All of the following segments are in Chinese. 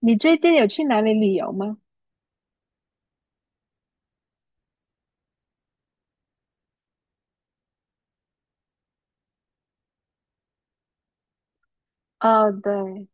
你最近有去哪里旅游吗？哦，对。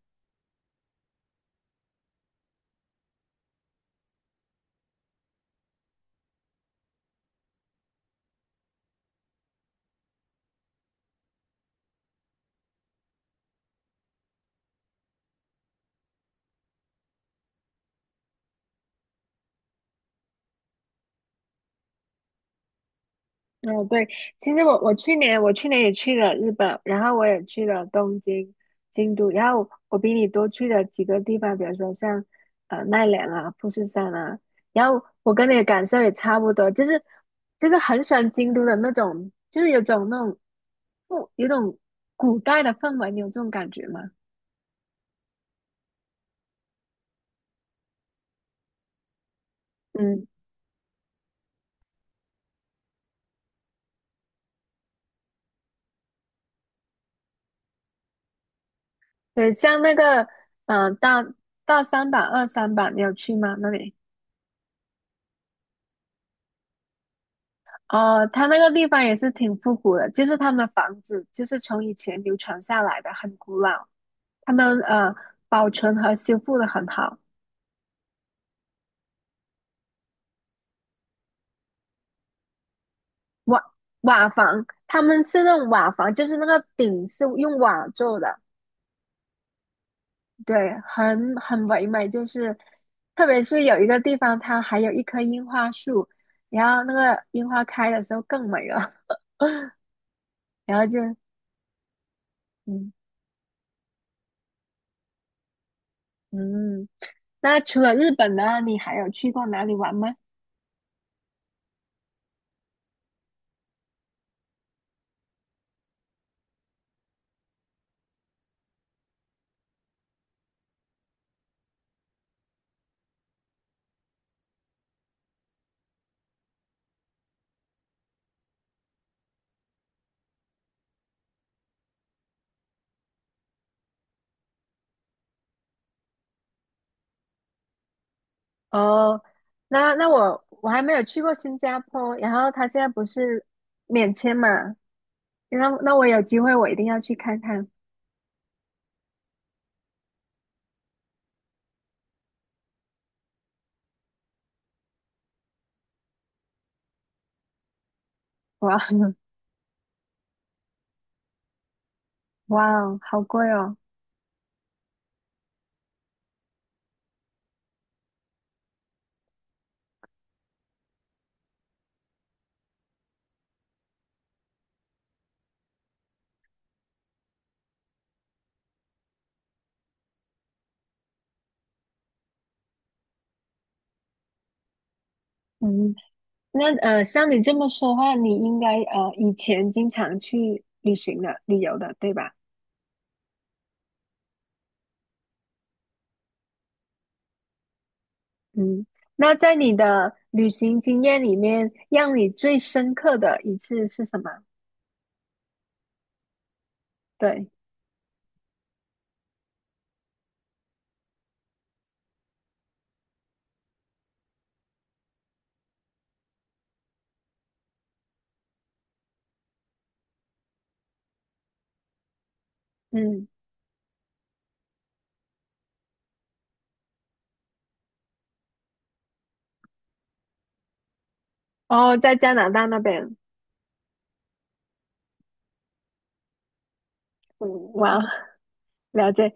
哦，对。其实我去年也去了日本，然后我也去了东京、京都。然后我比你多去了几个地方，比如说像奈良啊、富士山啊。然后我跟你的感受也差不多，就是很喜欢京都的那种，就是有种那种不有种古代的氛围。你有这种感觉吗？嗯，对。像那个呃大大三版、二三版，你有去吗？那里？哦，它那个地方也是挺复古的，就是他们房子就是从以前流传下来的，很古老。他们保存和修复的很好。瓦瓦房。他们是那种瓦房，就是那个顶是用瓦做的。对，很唯美。就是特别是有一个地方，它还有一棵樱花树，然后那个樱花开的时候更美了。然后就嗯嗯，那除了日本呢，你还有去过哪里玩吗？哦，那我还没有去过新加坡。然后他现在不是免签嘛，那我有机会我一定要去看看。哇 哇哦，好贵哦。嗯，那，像你这么说的话，你应该以前经常去旅行的、旅游的，对吧？嗯，那在你的旅行经验里面，让你最深刻的一次是什么？对。嗯。哦，在加拿大那边。嗯。哇，了解。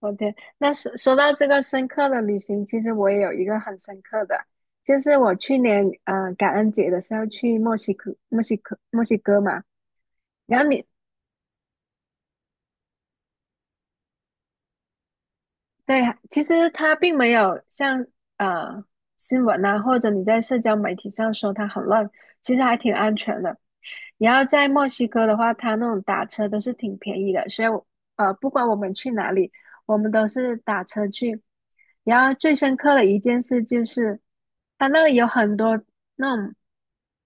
OK，那说到这个深刻的旅行，其实我也有一个很深刻的。就是我去年感恩节的时候去墨西哥嘛。然后你对，其实它并没有像呃新闻啊，或者你在社交媒体上说它很乱，其实还挺安全的。然后在墨西哥的话，它那种打车都是挺便宜的。所以我，不管我们去哪里，我们都是打车去。然后最深刻的一件事就是，它那里有很多那种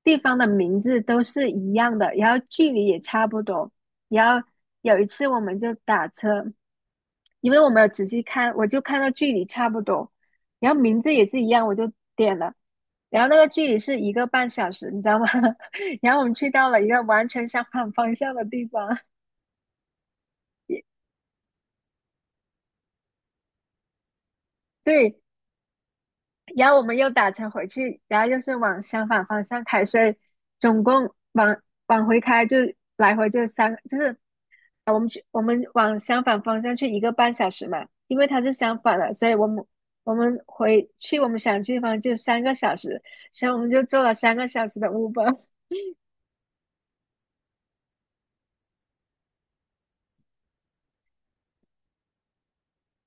地方的名字都是一样的，然后距离也差不多。然后有一次我们就打车。因为我没有仔细看，我就看到距离差不多，然后名字也是一样，我就点了。然后那个距离是一个半小时，你知道吗？然后我们去到了一个完全相反方向的地方。对。然后我们又打车回去，然后又是往相反方向开。所以总共往回开就来回就三，就是啊我们去，我们往相反方向去一个半小时嘛。因为它是相反的，所以我们回去我们想去的地方就三个小时，所以我们就坐了三个小时的 Uber。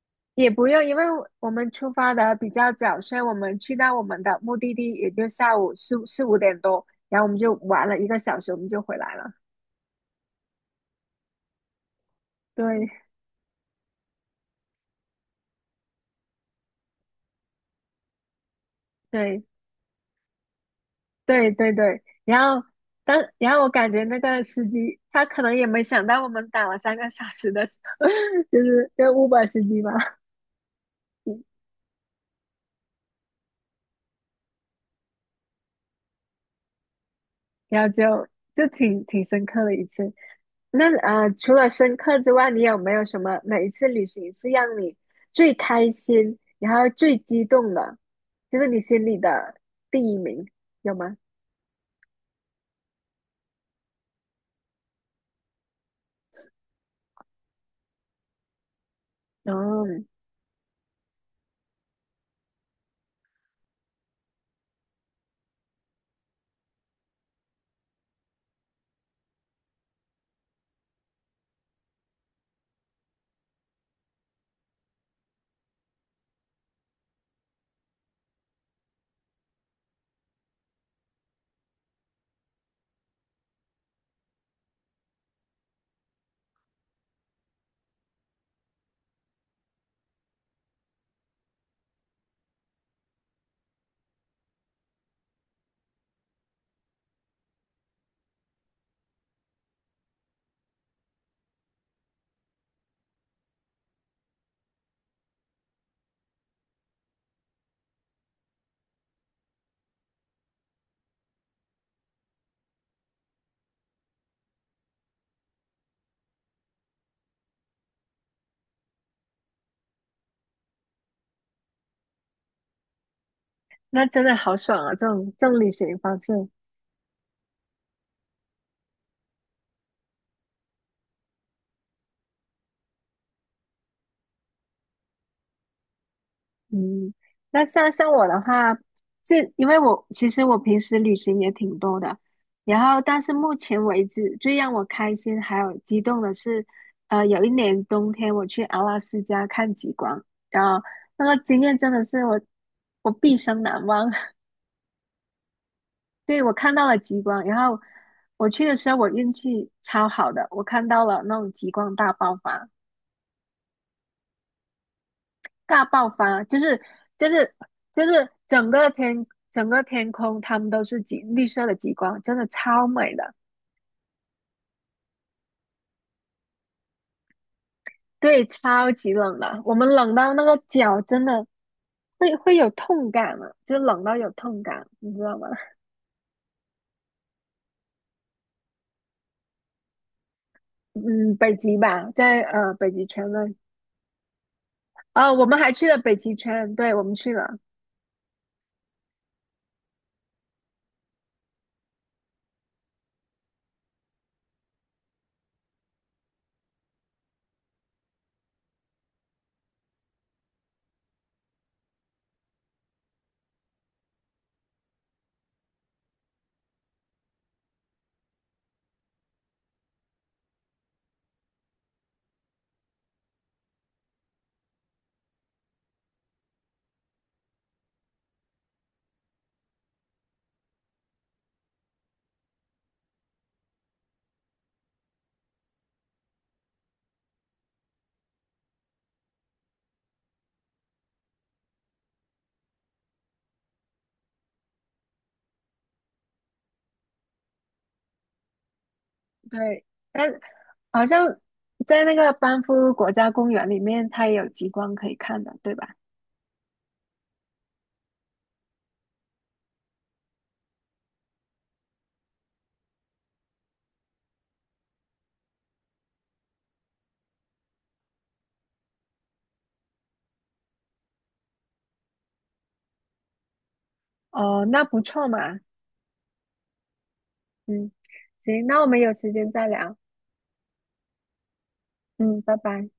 也不用，因为我们出发的比较早，所以我们去到我们的目的地也就下午四五点多，然后我们就玩了一个小时，我们就回来了。对对对对对。然后我感觉那个司机他可能也没想到我们打了三个小时的，就是那个 Uber 司机吧。嗯然后就挺深刻的一次。那，除了深刻之外，你有没有什么哪一次旅行是让你最开心，然后最激动的，就是你心里的第一名，有吗？哦，那真的好爽啊！这种旅行方式。嗯，那像我的话，因为我其实平时旅行也挺多的。然后但是目前为止最让我开心还有激动的是，有一年冬天我去阿拉斯加看极光。然后那个经验真的是我毕生难忘。对，我看到了极光。然后我去的时候我运气超好的，我看到了那种极光大爆发。大爆发啊。就是就是整个天空，它们都是极绿色的极光，真的超美的。对，超级冷的。我们冷到那个脚真的会有痛感了，就冷到有痛感，你知道吗？嗯，北极吧。在北极圈那里。哦，我们还去了北极圈。对，我们去了。对，但好像在那个班夫国家公园里面，它也有极光可以看的，对吧？哦，那不错嘛。嗯，行，那我们有时间再聊。嗯，拜拜。